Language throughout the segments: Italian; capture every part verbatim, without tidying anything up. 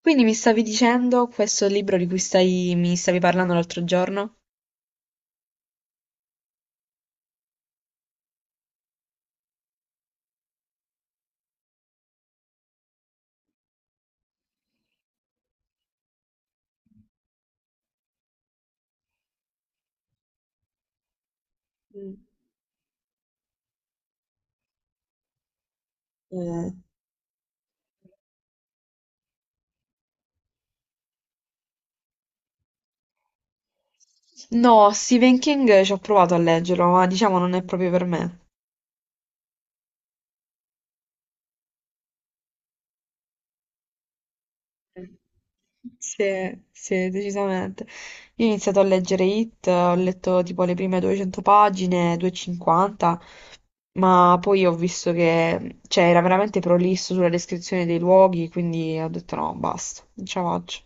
Quindi mi stavi dicendo questo libro di cui stai, mi stavi parlando l'altro giorno? Mm. Eh. No, Stephen King ci ho provato a leggerlo, ma diciamo non è proprio per me. Sì, sì, decisamente. Io ho iniziato a leggere It, ho letto tipo le prime duecento pagine, duecentocinquanta, ma poi ho visto che, cioè, era veramente prolisso sulla descrizione dei luoghi, quindi ho detto no, basta, non ce la faccio.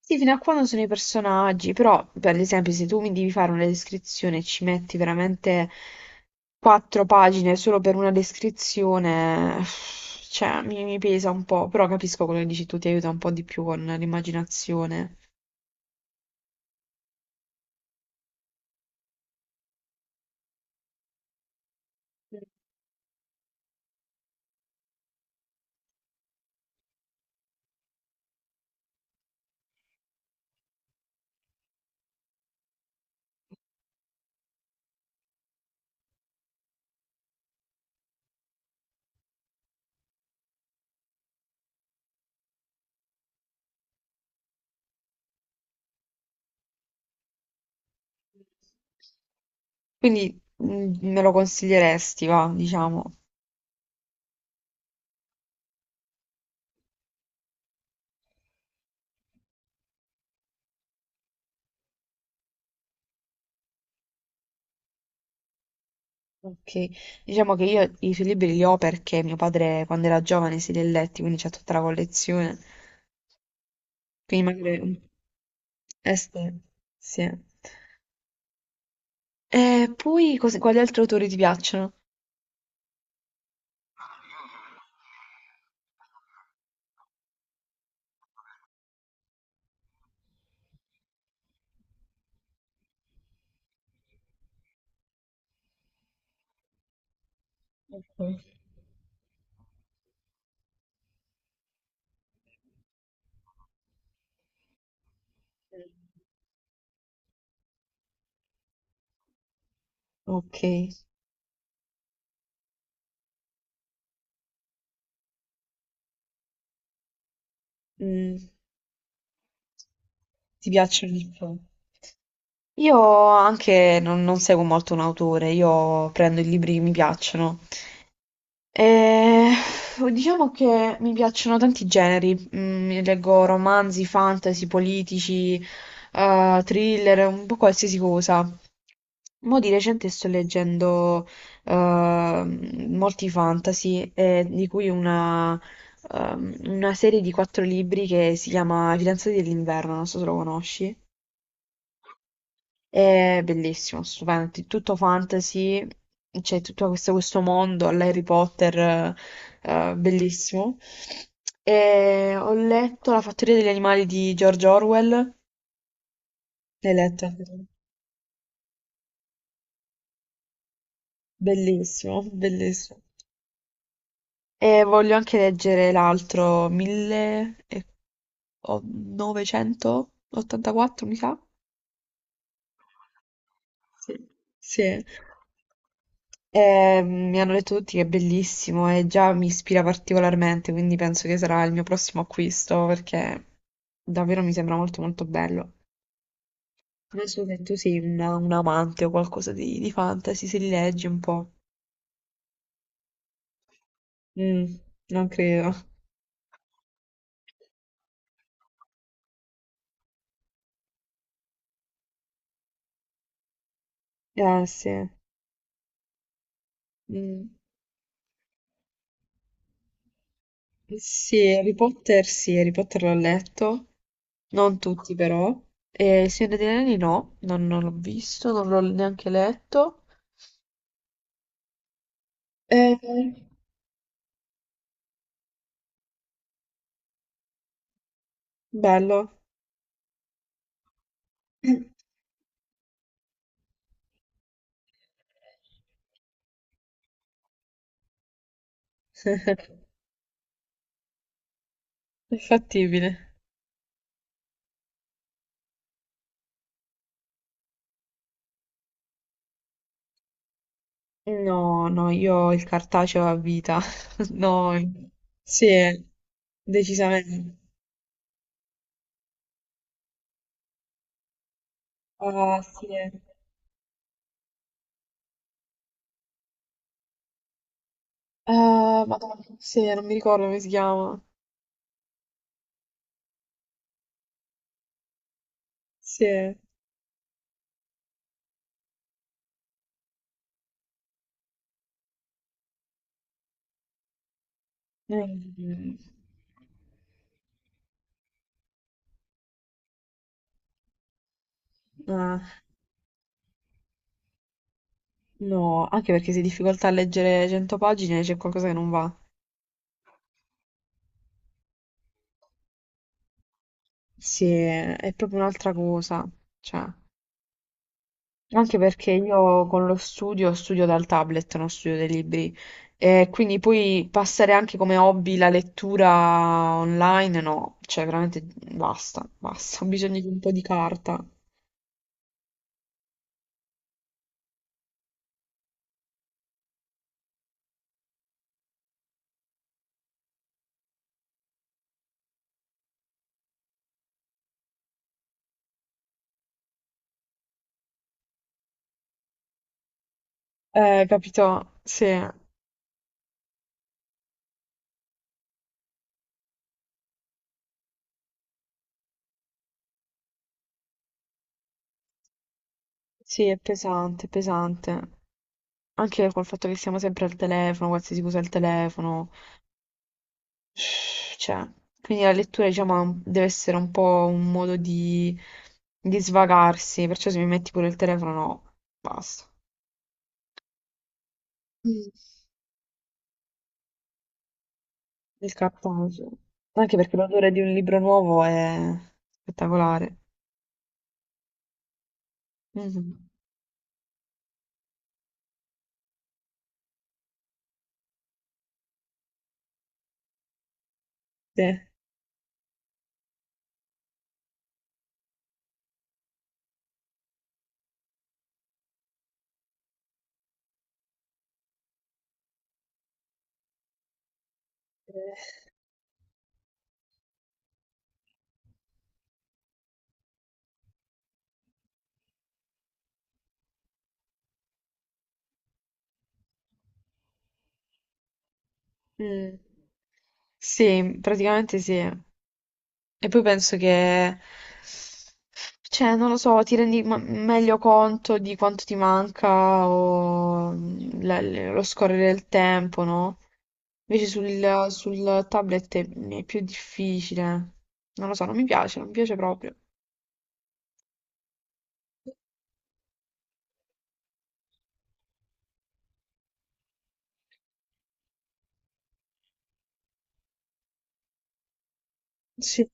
Sì, fino a quando sono i personaggi, però per esempio se tu mi devi fare una descrizione e ci metti veramente quattro pagine solo per una descrizione, cioè mi, mi pesa un po', però capisco quello che dici tu, ti aiuta un po' di più con l'immaginazione. Quindi mm, me lo consiglieresti, va, diciamo. Ok. Diciamo che io i suoi libri li ho perché mio padre quando era giovane si li ha letti, quindi c'è tutta la collezione. Quindi magari... un- Eh sì, sì. E poi cos- quali altri autori ti piacciono? Ok. Ok. Mm, Ti piacciono di più? Io anche non, non seguo molto un autore, io prendo i libri che mi piacciono. E diciamo che mi piacciono tanti generi, Mm, leggo romanzi, fantasy, politici, eh, thriller, un po' qualsiasi cosa. Mo' di recente sto leggendo ehm, molti fantasy, e di cui una, ehm, una serie di quattro libri che si chiama I fidanzati dell'inverno, non so se lo conosci. È bellissimo, stupendo, è tutto fantasy, c'è tutto questo, questo mondo all'Harry Potter, eh, eh, bellissimo. E ho letto La fattoria degli animali di George Orwell. L'hai letto? Bellissimo, bellissimo. E voglio anche leggere l'altro millenovecentottantaquattro, mi sa. Sì. Sì. E, mm, mi hanno detto tutti che è bellissimo e già mi ispira particolarmente, quindi penso che sarà il mio prossimo acquisto perché davvero mi sembra molto molto bello. Non so se tu sei un, un amante o qualcosa di, di fantasy, se li leggi un po'. Mm, non credo. Eh sì. Mm. Sì, Harry Potter sì, Harry Potter l'ho letto, non tutti però. E Il Signore degli Anelli no, non, non l'ho visto, non l'ho neanche letto. Eh, bello. È fattibile. No, no, io ho il cartaceo a vita. No, sì, decisamente. Ah, sì. Ah, madonna, sì, non mi ricordo come si chiama. Sì. Mm. Ah, no, anche perché se hai difficoltà a leggere cento pagine c'è qualcosa che non va. Sì, è è proprio un'altra cosa. Cioè, anche perché io con lo studio studio dal tablet, non studio dai libri. E quindi poi passare anche come hobby la lettura online, no, cioè veramente basta, basta, ho bisogno di un po' di carta. Eh, capito? Sì, sì, è pesante, è pesante. Anche col fatto che siamo sempre al telefono, qualsiasi cosa al telefono. Cioè, quindi la lettura, diciamo, ha un- deve essere un po' un modo di, di svagarsi, perciò se mi metti pure il telefono, no, basta. Mm. Il cartaceo. Anche perché l'odore di un libro nuovo è spettacolare. Mhm. Sì. Eh. Mm. Sì, praticamente sì. E poi penso che, cioè, non lo so, ti rendi ma- meglio conto di quanto ti manca o mm, la- le- lo scorrere del tempo, no? Invece sul, sul tablet è, è più difficile. Non lo so, non mi piace, non mi piace proprio. Sì,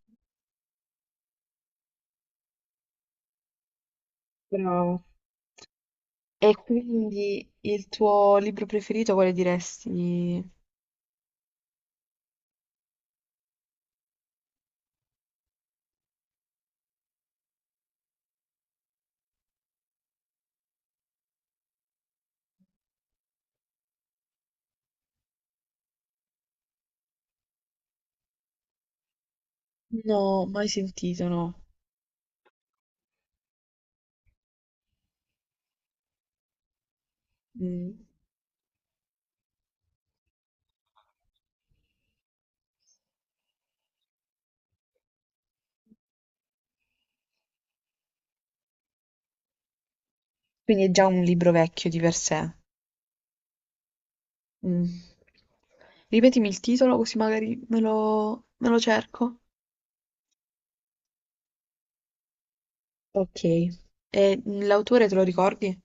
bravo. E quindi il tuo libro preferito quale diresti? No, mai sentito, no. Mm. Quindi è già un libro vecchio di per sé. Mm. Ripetimi il titolo così magari me lo, me lo cerco. Ok. E l'autore te lo ricordi?